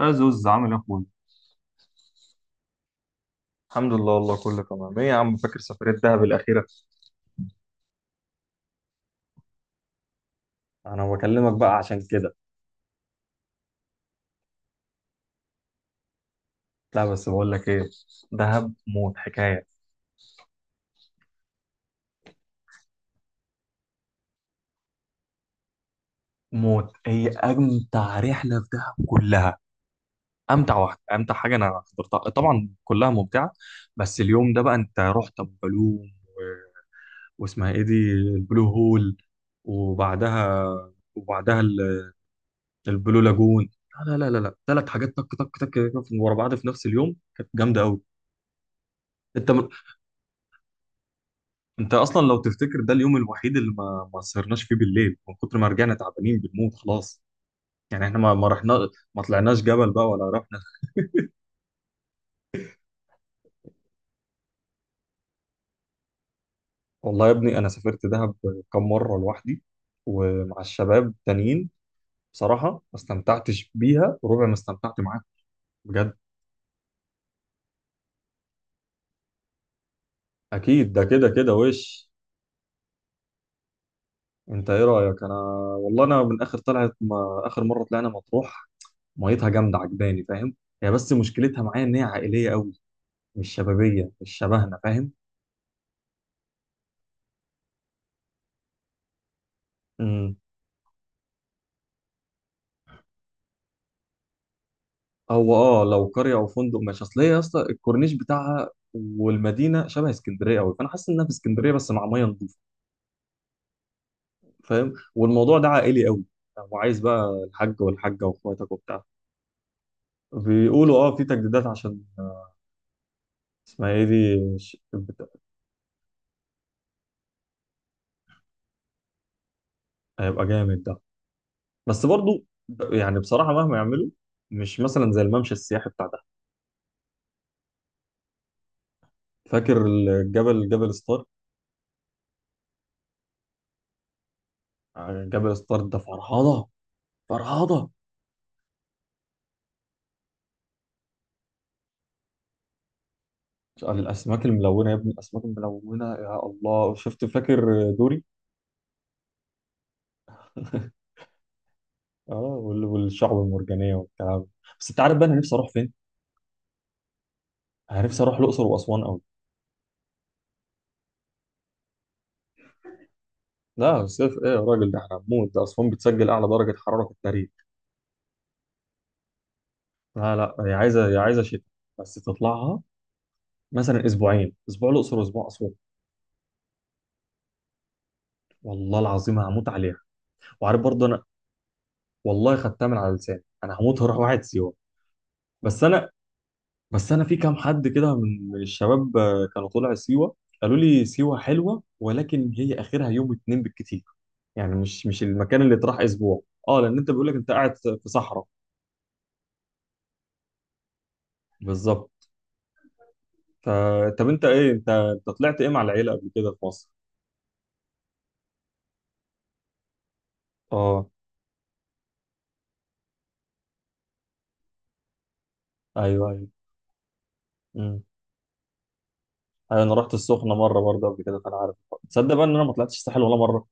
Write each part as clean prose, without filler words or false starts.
يا زوز، عامل ايه يا اخويا؟ الحمد لله والله، كله تمام. ايه يا عم، فاكر سفرية دهب الأخيرة؟ انا بكلمك بقى عشان كده. لا بس بقول لك ايه، دهب موت حكاية. موت، هي امتع رحلة في دهب كلها. امتع واحدة، امتع حاجة انا حضرتها، طبعا كلها ممتعة. بس اليوم ده بقى، انت رحت ابو جالوم واسمها ايه دي، البلو هول، وبعدها وبعدها البلو لاجون. لا لا لا لا لا، ثلاث حاجات، تك تك تك ورا بعض في نفس اليوم، كانت جامدة قوي. انت انت اصلا لو تفتكر، ده اليوم الوحيد اللي ما سهرناش فيه بالليل من كتر ما رجعنا تعبانين بنموت خلاص. يعني احنا ما رحنا، ما طلعناش جبل بقى ولا رحنا. والله يا ابني، انا سافرت دهب كم مره لوحدي ومع الشباب تانيين، بصراحه ما استمتعتش بيها وربع ما استمتعت معاك بجد. اكيد، ده كده كده وش. انت ايه رايك، انا والله انا من اخر طلعت، ما اخر مره طلعنا مطروح، ميتها جامده عجباني، فاهم؟ هي بس مشكلتها معايا ان هي عائليه قوي، مش شبابيه، مش شبهنا. فاهم، هو اه لو قريه او فندق ماشي، اصل هي يا اسطى الكورنيش بتاعها والمدينه شبه اسكندريه قوي، فانا حاسس انها في اسكندريه بس مع ميه نظيفه. فاهم، والموضوع ده عائلي قوي، وعايز بقى الحاج والحاجه واخواتك وبتاع. بيقولوا اه في تجديدات عشان اسمها ايه دي هيبقى جامد ده، بس برضو يعني بصراحه مهما يعملوا، مش مثلا زي الممشى السياحي بتاع ده. فاكر الجبل، جبل ستار؟ جبل ستار ده فرهضه فرهضه. الاسماك الملونه يا ابني، الاسماك الملونه، يا الله، شفت فاكر دوري؟ اه والشعب المرجانيه والكلام ده. بس انت عارف بقى انا نفسي اروح فين؟ انا نفسي اروح الاقصر واسوان قوي. لا الصيف ايه يا راجل، ده احنا هنموت، ده اسوان بتسجل اعلى درجه حراره في التاريخ. لا لا، هي عايزه، هي عايزه شتاء، بس تطلعها مثلا اسبوعين، اسبوع الاقصر واسبوع اسوان. والله العظيم هموت عليها. وعارف برضه انا، والله خدتها من على لساني، انا هموت هروح واحد سيوه. بس انا بس انا في كام حد كده من الشباب كانوا طلع سيوه، قالوا لي سيوه حلوه ولكن هي اخرها يوم اتنين بالكتير، يعني مش، مش المكان اللي تروح اسبوع. اه لان انت بيقول لك انت قاعد في صحراء. بالظبط. ف- طب انت ايه، انت طلعت ايه مع العيله قبل كده في مصر؟ اه ايوه ايوه. امم. أيوة، انا رحت السخنه مره برضه قبل كده فانا عارف. تصدق بقى ان انا ما طلعتش الساحل ولا مره.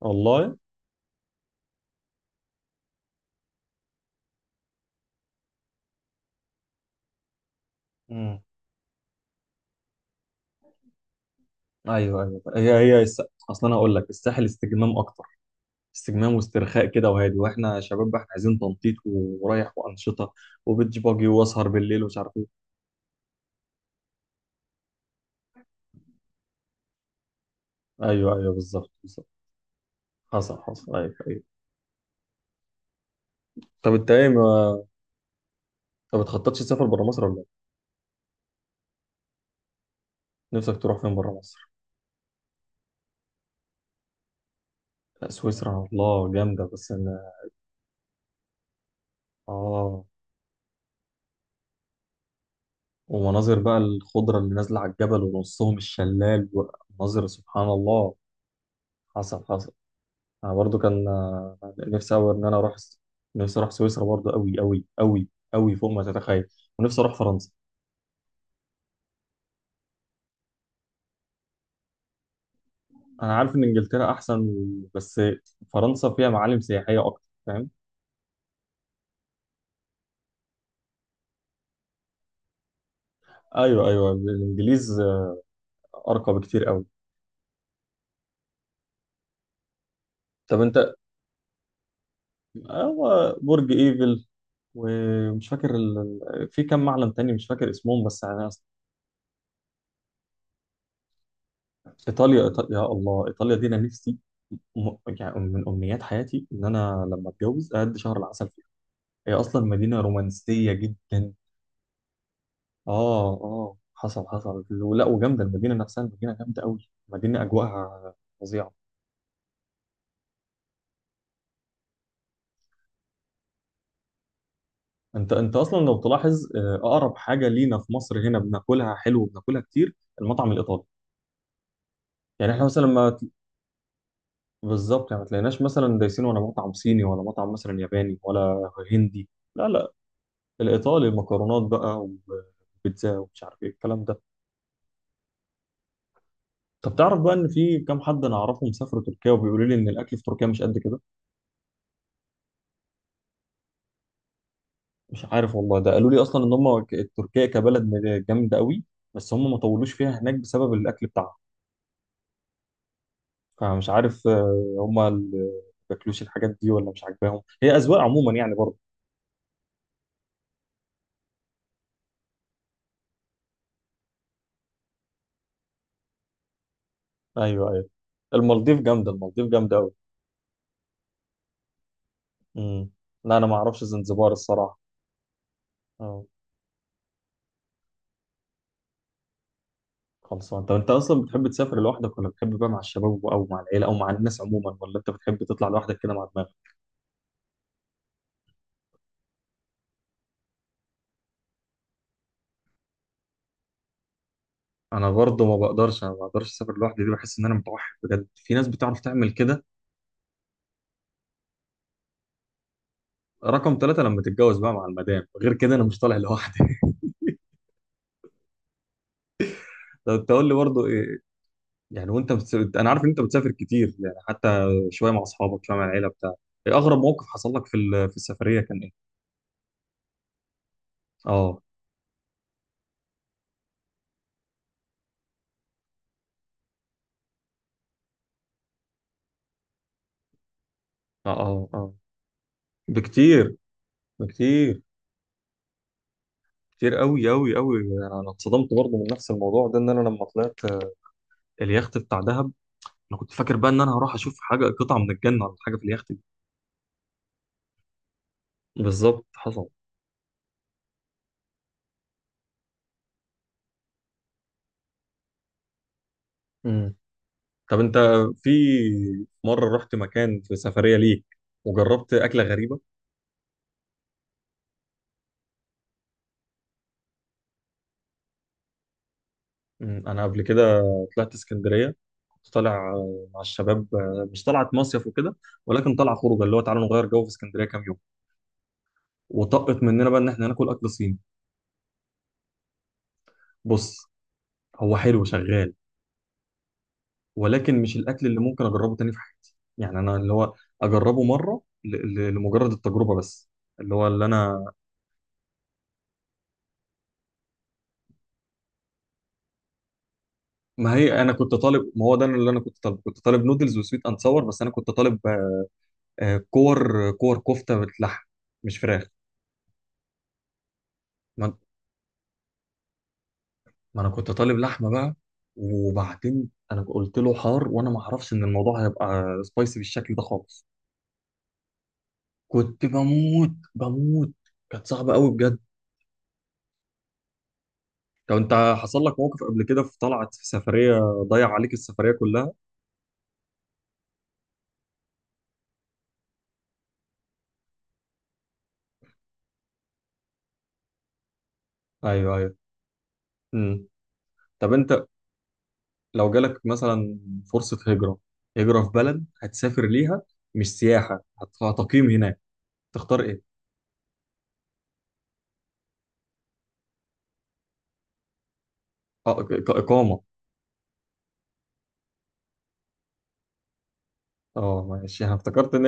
والله. امم. ايوه ايوه، اصلا انا هقول لك الساحل استجمام اكتر، استجمام واسترخاء كده وهادي، واحنا شباب بقى احنا عايزين تنطيط ورايح وانشطه وبيتش باجي واسهر بالليل ومش عارف ايه. ايوه ايوه بالظبط بالظبط. حصل حصل ايوه ايوه. طب انت ايه ما بتخططش تسافر بره مصر ولا ايه؟ نفسك تروح فين بره مصر؟ لا سويسرا، الله، جامده. بس انا اه، ومناظر بقى الخضره اللي نازله على الجبل ونصهم الشلال، ومناظر، سبحان الله. حصل حصل. انا برضو كان نفسي قوي ان انا اروح. نفسي اروح سويسرا برضو، قوي قوي قوي، قوي فوق ما تتخيل. ونفسي اروح فرنسا. انا عارف ان انجلترا احسن بس فرنسا فيها معالم سياحيه اكتر، فاهم؟ ايوه ايوه، الانجليز ارقى بكتير قوي. طب انت، هو برج ايفل في كم معلم تاني مش فاكر اسمهم، بس انا. ايطاليا، ايطاليا، يا الله ايطاليا دي انا نفسي، يعني من امنيات حياتي ان انا لما اتجوز اقضي شهر العسل فيها. هي اصلا مدينه رومانسيه جدا. اه اه، حصل حصل، ولا وجامده المدينه نفسها، المدينه جامده قوي، مدينه اجواءها فظيعه. انت اصلا لو تلاحظ اقرب حاجه لينا في مصر، هنا بناكلها حلو وبناكلها كتير، المطعم الايطالي. يعني احنا مثلا ما ت- بالظبط، يعني ما تلاقيناش مثلا دايسين ولا مطعم صيني ولا مطعم مثلا ياباني ولا هندي. لا لا، الايطالي، المكرونات بقى وبيتزا ومش عارف ايه الكلام ده. طب تعرف بقى ان في كام حد انا اعرفهم سافروا تركيا وبيقولوا لي ان الاكل في تركيا مش قد كده. مش عارف والله، ده قالوا لي اصلا ان هم تركيا كبلد جامده قوي، بس هم ما طولوش فيها هناك بسبب الاكل بتاعهم. فمش عارف هما اللي بياكلوش الحاجات دي ولا مش عاجباهم، هي أذواق عموما يعني برضه. ايوه ايوه، المالديف جامدة، المالديف جامدة أوي. امم. لا أنا ما أعرفش زنزبار الصراحة. اه خلصان. طب أنت أصلا بتحب تسافر لوحدك ولا بتحب بقى مع الشباب أو مع العيلة أو مع الناس عموما، ولا أنت بتحب تطلع لوحدك كده مع دماغك؟ أنا برضه ما بقدرش، أنا ما بقدرش أسافر لوحدي دي، بحس إن أنا متوحد، بجد في ناس بتعرف تعمل كده. رقم ثلاثة لما تتجوز بقى مع المدام، غير كده أنا مش طالع لوحدي. طب أنت قول لي برضه، يعني انا عارف ان انت بتسافر كتير، يعني حتى شويه مع اصحابك شويه مع العيله بتاع. ايه اغرب موقف حصل لك في السفريه، كان ايه؟ اه اه اه. اه بكتير بكتير، كتير قوي قوي قوي. انا اتصدمت برضه من نفس الموضوع ده، ان انا لما طلعت اليخت بتاع دهب، انا كنت فاكر بقى ان انا هروح اشوف حاجه قطعه من الجنه ولا حاجه في اليخت دي. بالظبط حصل. امم. طب انت، في مره رحت مكان في سفريه ليك وجربت اكله غريبه؟ انا قبل كده طلعت اسكندريه، كنت طالع مع الشباب مش طلعت مصيف وكده، ولكن طلعه خروجه اللي هو تعالوا نغير جو في اسكندريه كام يوم. وطقت مننا بقى ان احنا ناكل اكل صيني. بص، هو حلو شغال، ولكن مش الاكل اللي ممكن اجربه تاني في حياتي، يعني انا اللي هو اجربه مره لمجرد التجربه بس، اللي هو اللي انا. ما هي انا كنت طالب، ما هو ده اللي انا كنت طالبه، كنت طالب نودلز وسويت اند صور، بس انا كنت طالب آه، كور كور كفته باللحم، مش فراخ. ما انا كنت طالب لحمه بقى. وبعدين انا قلت له حار، وانا ما اعرفش ان الموضوع هيبقى سبايسي بالشكل ده خالص. كنت بموت بموت. كانت صعبه قوي بجد. طب انت حصل لك موقف قبل كده في طلعت في سفريه ضيع عليك السفريه كلها؟ ايوه ايوه. امم. طب انت لو جالك مثلا فرصه هجره، هجره في بلد هتسافر ليها، مش سياحه، هتقيم هناك، تختار ايه؟ اقامه. اه ماشي، انا افتكرت ان.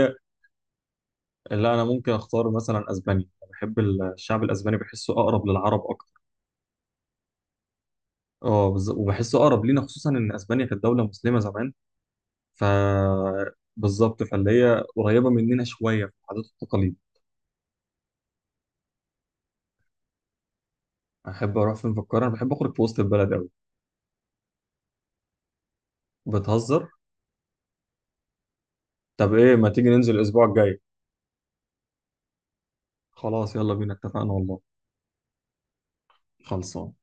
لا انا ممكن اختار مثلا اسبانيا، بحب الشعب الاسباني، بحسه اقرب للعرب اكتر. اه وبحسه اقرب لينا، خصوصا ان اسبانيا كانت دوله مسلمه زمان. ف بالظبط، فاللي هي قريبه مننا شويه في العادات والتقاليد. احب اروح فين في القاهره؟ انا بحب اخرج في وسط البلد قوي. بتهزر. طب ايه ما تيجي ننزل الاسبوع الجاي؟ خلاص يلا بينا، اتفقنا والله. خلصان.